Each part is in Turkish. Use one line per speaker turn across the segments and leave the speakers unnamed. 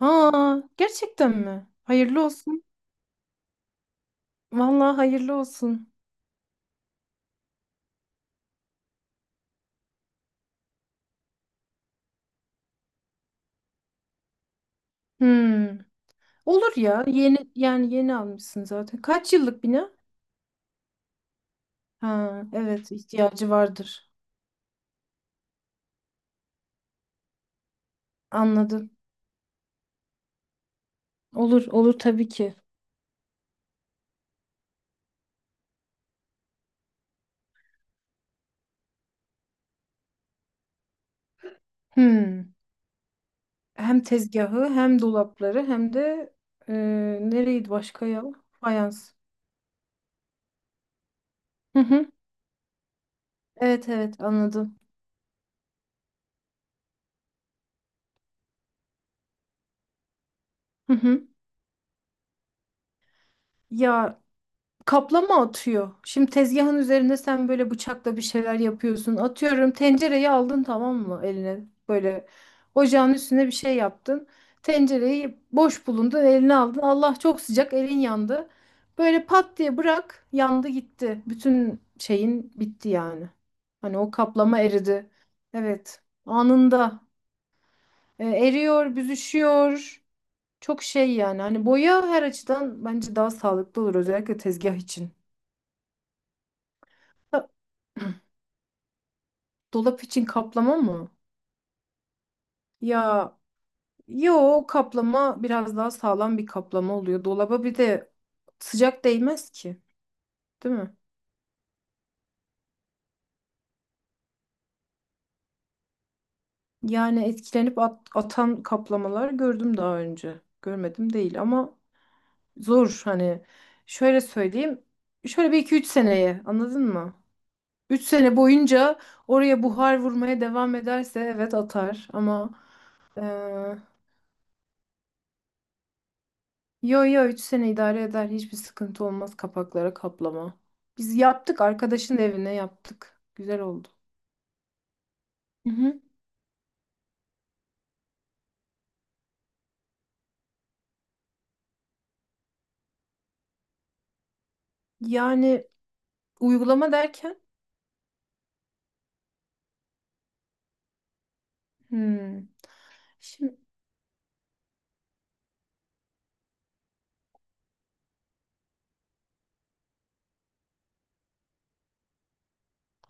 Aa, gerçekten mi? Hayırlı olsun. Vallahi hayırlı olsun. Hmm. Olur ya. Yeni yani yeni almışsın zaten. Kaç yıllık bina? Ha, evet ihtiyacı vardır. Anladım. Olur, olur tabii ki. Hmm. Hem tezgahı, hem dolapları, hem de e, nereydi başka ya? Fayans. Hı hı. Evet evet anladım. Hı hı. Ya kaplama atıyor. Şimdi tezgahın üzerinde sen böyle bıçakla bir şeyler yapıyorsun. Atıyorum tencereyi aldın tamam mı eline? Böyle ocağın üstüne bir şey yaptın. Tencereyi boş bulundun eline aldın. Allah çok sıcak elin yandı. Böyle pat diye bırak yandı gitti. Bütün şeyin bitti yani. Hani o kaplama eridi. Evet anında. Eriyor büzüşüyor. Çok şey yani hani boya her açıdan bence daha sağlıklı olur özellikle tezgah için. Dolap için kaplama mı? Ya yo kaplama biraz daha sağlam bir kaplama oluyor. Dolaba bir de sıcak değmez ki, değil mi? Yani etkilenip atan kaplamalar gördüm daha önce. Görmedim değil ama zor hani. Şöyle söyleyeyim. Şöyle bir iki üç seneye anladın mı? Üç sene boyunca oraya buhar vurmaya devam ederse evet atar ama. Yo yo 3 sene idare eder. Hiçbir sıkıntı olmaz kapaklara kaplama. Biz yaptık arkadaşın evine yaptık. Güzel oldu. Hı hı. Yani uygulama derken hmm. Şimdi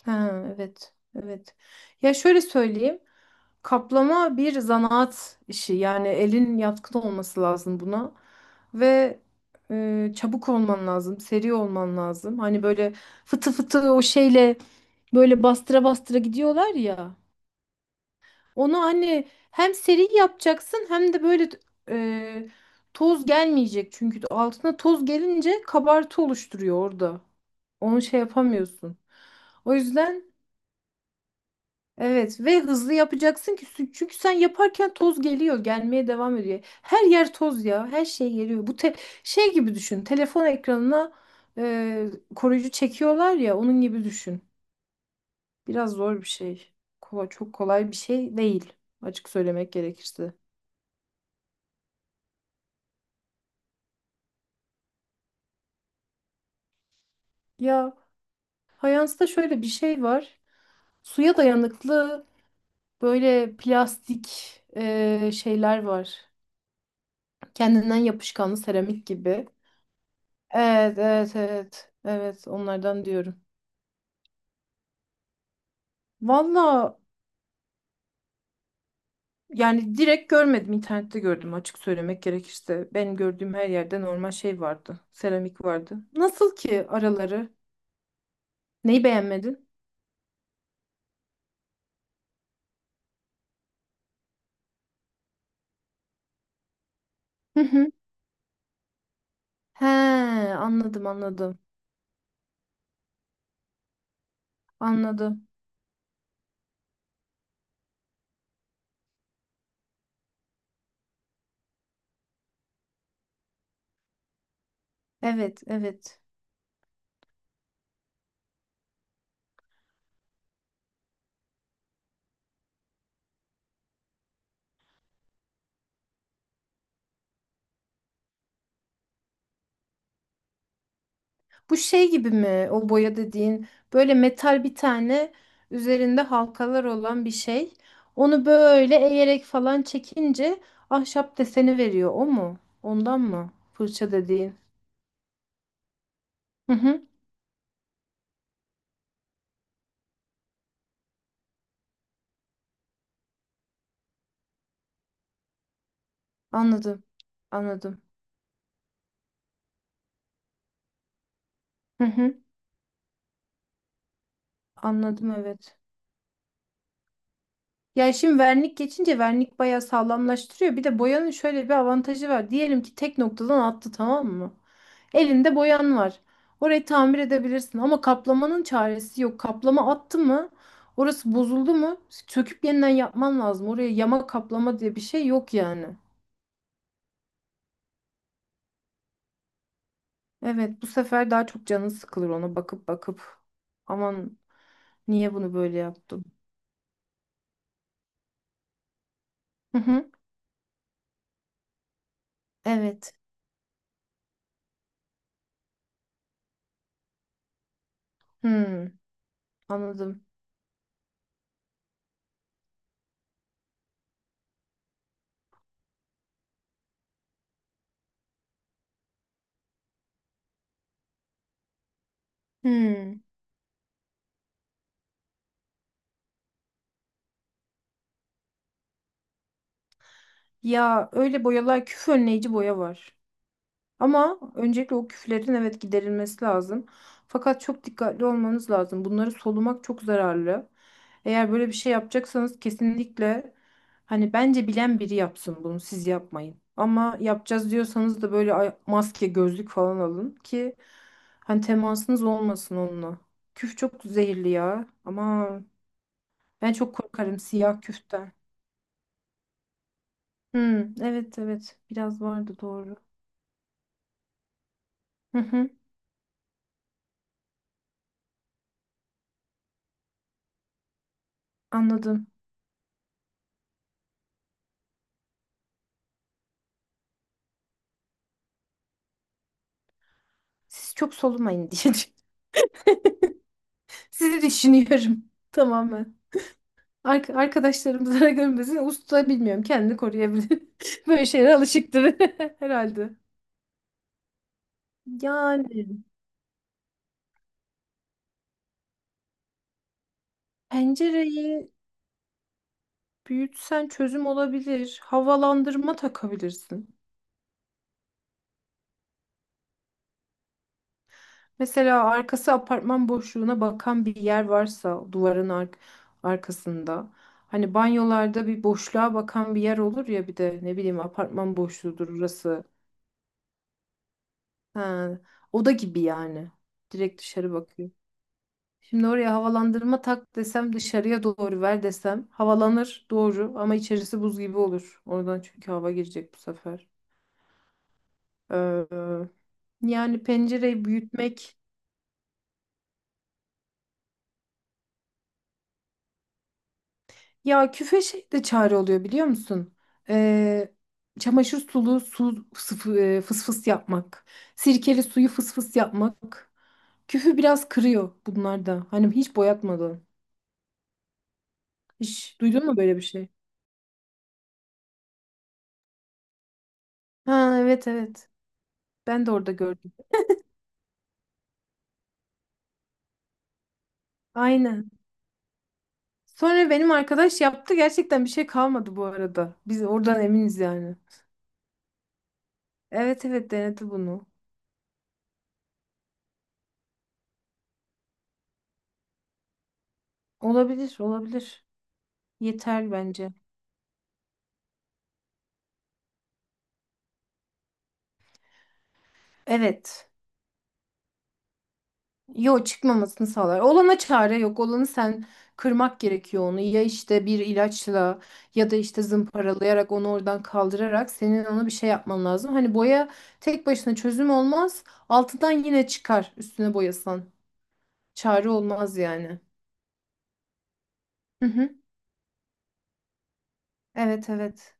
ha, evet evet. Ya şöyle söyleyeyim. Kaplama bir zanaat işi. Yani elin yatkın olması lazım buna. Ve çabuk olman lazım. Seri olman lazım. Hani böyle fıtı fıtı o şeyle böyle bastıra bastıra gidiyorlar ya. Onu anne hem seri yapacaksın hem de böyle e, toz gelmeyecek. Çünkü altına toz gelince kabartı oluşturuyor orada. Onu şey yapamıyorsun. O yüzden evet ve hızlı yapacaksın ki çünkü sen yaparken toz geliyor, gelmeye devam ediyor. Her yer toz ya, her şey geliyor. Bu şey gibi düşün. Telefon ekranına e, koruyucu çekiyorlar ya, onun gibi düşün. Biraz zor bir şey. Kolay, çok kolay bir şey değil açık söylemek gerekirse. Ya fayansta şöyle bir şey var. Suya dayanıklı böyle plastik şeyler var. Kendinden yapışkanlı seramik gibi. Evet, evet, evet. Evet, onlardan diyorum. Valla yani direkt görmedim. İnternette gördüm açık söylemek gerekirse. Benim gördüğüm her yerde normal şey vardı. Seramik vardı. Nasıl ki araları? Neyi beğenmedin? Hı hı. He, anladım, anladım. Anladım. Evet, evet. Bu şey gibi mi o boya dediğin böyle metal bir tane üzerinde halkalar olan bir şey. Onu böyle eğerek falan çekince ahşap deseni veriyor o mu? Ondan mı? Fırça dediğin. Hı hı, anladım. Anladım. Hı hı, anladım evet. Ya şimdi vernik geçince vernik bayağı sağlamlaştırıyor. Bir de boyanın şöyle bir avantajı var. Diyelim ki tek noktadan attı tamam mı? Elinde boyan var. Orayı tamir edebilirsin ama kaplamanın çaresi yok. Kaplama attı mı? Orası bozuldu mu? Söküp yeniden yapman lazım. Oraya yama kaplama diye bir şey yok yani. Evet, bu sefer daha çok canın sıkılır ona bakıp bakıp. Aman niye bunu böyle yaptım? Hı hı. Evet. Hmm, anladım. Hmm. Ya öyle boyalar küf önleyici boya var. Ama öncelikle o küflerin evet giderilmesi lazım. Fakat çok dikkatli olmanız lazım. Bunları solumak çok zararlı. Eğer böyle bir şey yapacaksanız kesinlikle hani bence bilen biri yapsın bunu siz yapmayın. Ama yapacağız diyorsanız da böyle maske, gözlük falan alın ki hani temasınız olmasın onunla. Küf çok zehirli ya. Ama ben çok korkarım siyah küften. Hmm, evet evet biraz vardı doğru. Hı hı. Anladım. Siz çok solumayın diye sizi düşünüyorum tamamen. Arkadaşlarım zarar görmesin. Usta bilmiyorum. Kendini koruyabilir. Böyle şeylere alışıktır herhalde. Yani pencereyi büyütsen çözüm olabilir. Havalandırma takabilirsin. Mesela arkası apartman boşluğuna bakan bir yer varsa duvarın arkasında. Hani banyolarda bir boşluğa bakan bir yer olur ya bir de ne bileyim apartman boşluğudur orası. Ha, oda gibi yani. Direkt dışarı bakıyor. Şimdi oraya havalandırma tak desem dışarıya doğru ver desem havalanır doğru ama içerisi buz gibi olur. Oradan çünkü hava girecek bu sefer. Ee, yani pencereyi büyütmek ya küfe şey de çare oluyor biliyor musun? Ee, çamaşır sulu su fısfıs yapmak. Sirkeli suyu fısfıs yapmak. Küfü biraz kırıyor bunlar da. Hani hiç boyatmadan. Hiç duydun mu böyle bir şey? Ha evet evet. Ben de orada gördüm. Aynen. Sonra benim arkadaş yaptı. Gerçekten bir şey kalmadı bu arada. Biz oradan eminiz yani. Evet evet denedi bunu. Olabilir olabilir. Yeter bence. Evet. Yo çıkmamasını sağlar. Olana çare yok. Olanı sen kırmak gerekiyor onu. Ya işte bir ilaçla ya da işte zımparalayarak onu oradan kaldırarak senin ona bir şey yapman lazım. Hani boya tek başına çözüm olmaz. Altından yine çıkar üstüne boyasan. Çare olmaz yani. Hı hı. Evet evet.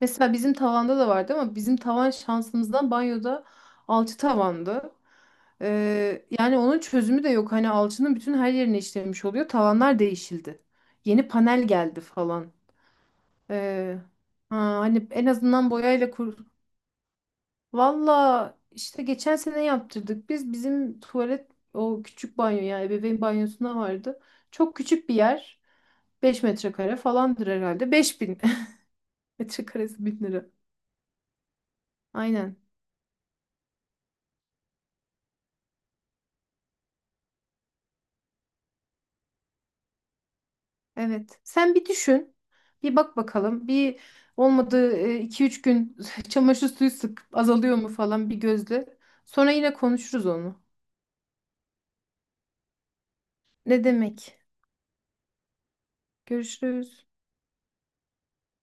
Mesela bizim tavanda da vardı ama bizim tavan şansımızdan banyoda alçı tavandı. Yani onun çözümü de yok. Hani alçının bütün her yerine işlemiş oluyor. Tavanlar değişildi. Yeni panel geldi falan. Ee, ha, hani en azından boyayla kur. Valla işte geçen sene yaptırdık. Biz bizim tuvalet o küçük banyo yani ebeveyn banyosuna vardı. Çok küçük bir yer. 5 metrekare falandır herhalde. 5.000. Açık arası 1.000 lira. Aynen. Evet. Sen bir düşün. Bir bak bakalım. Bir olmadı iki üç gün çamaşır suyu sık azalıyor mu falan bir gözle. Sonra yine konuşuruz onu. Ne demek? Görüşürüz.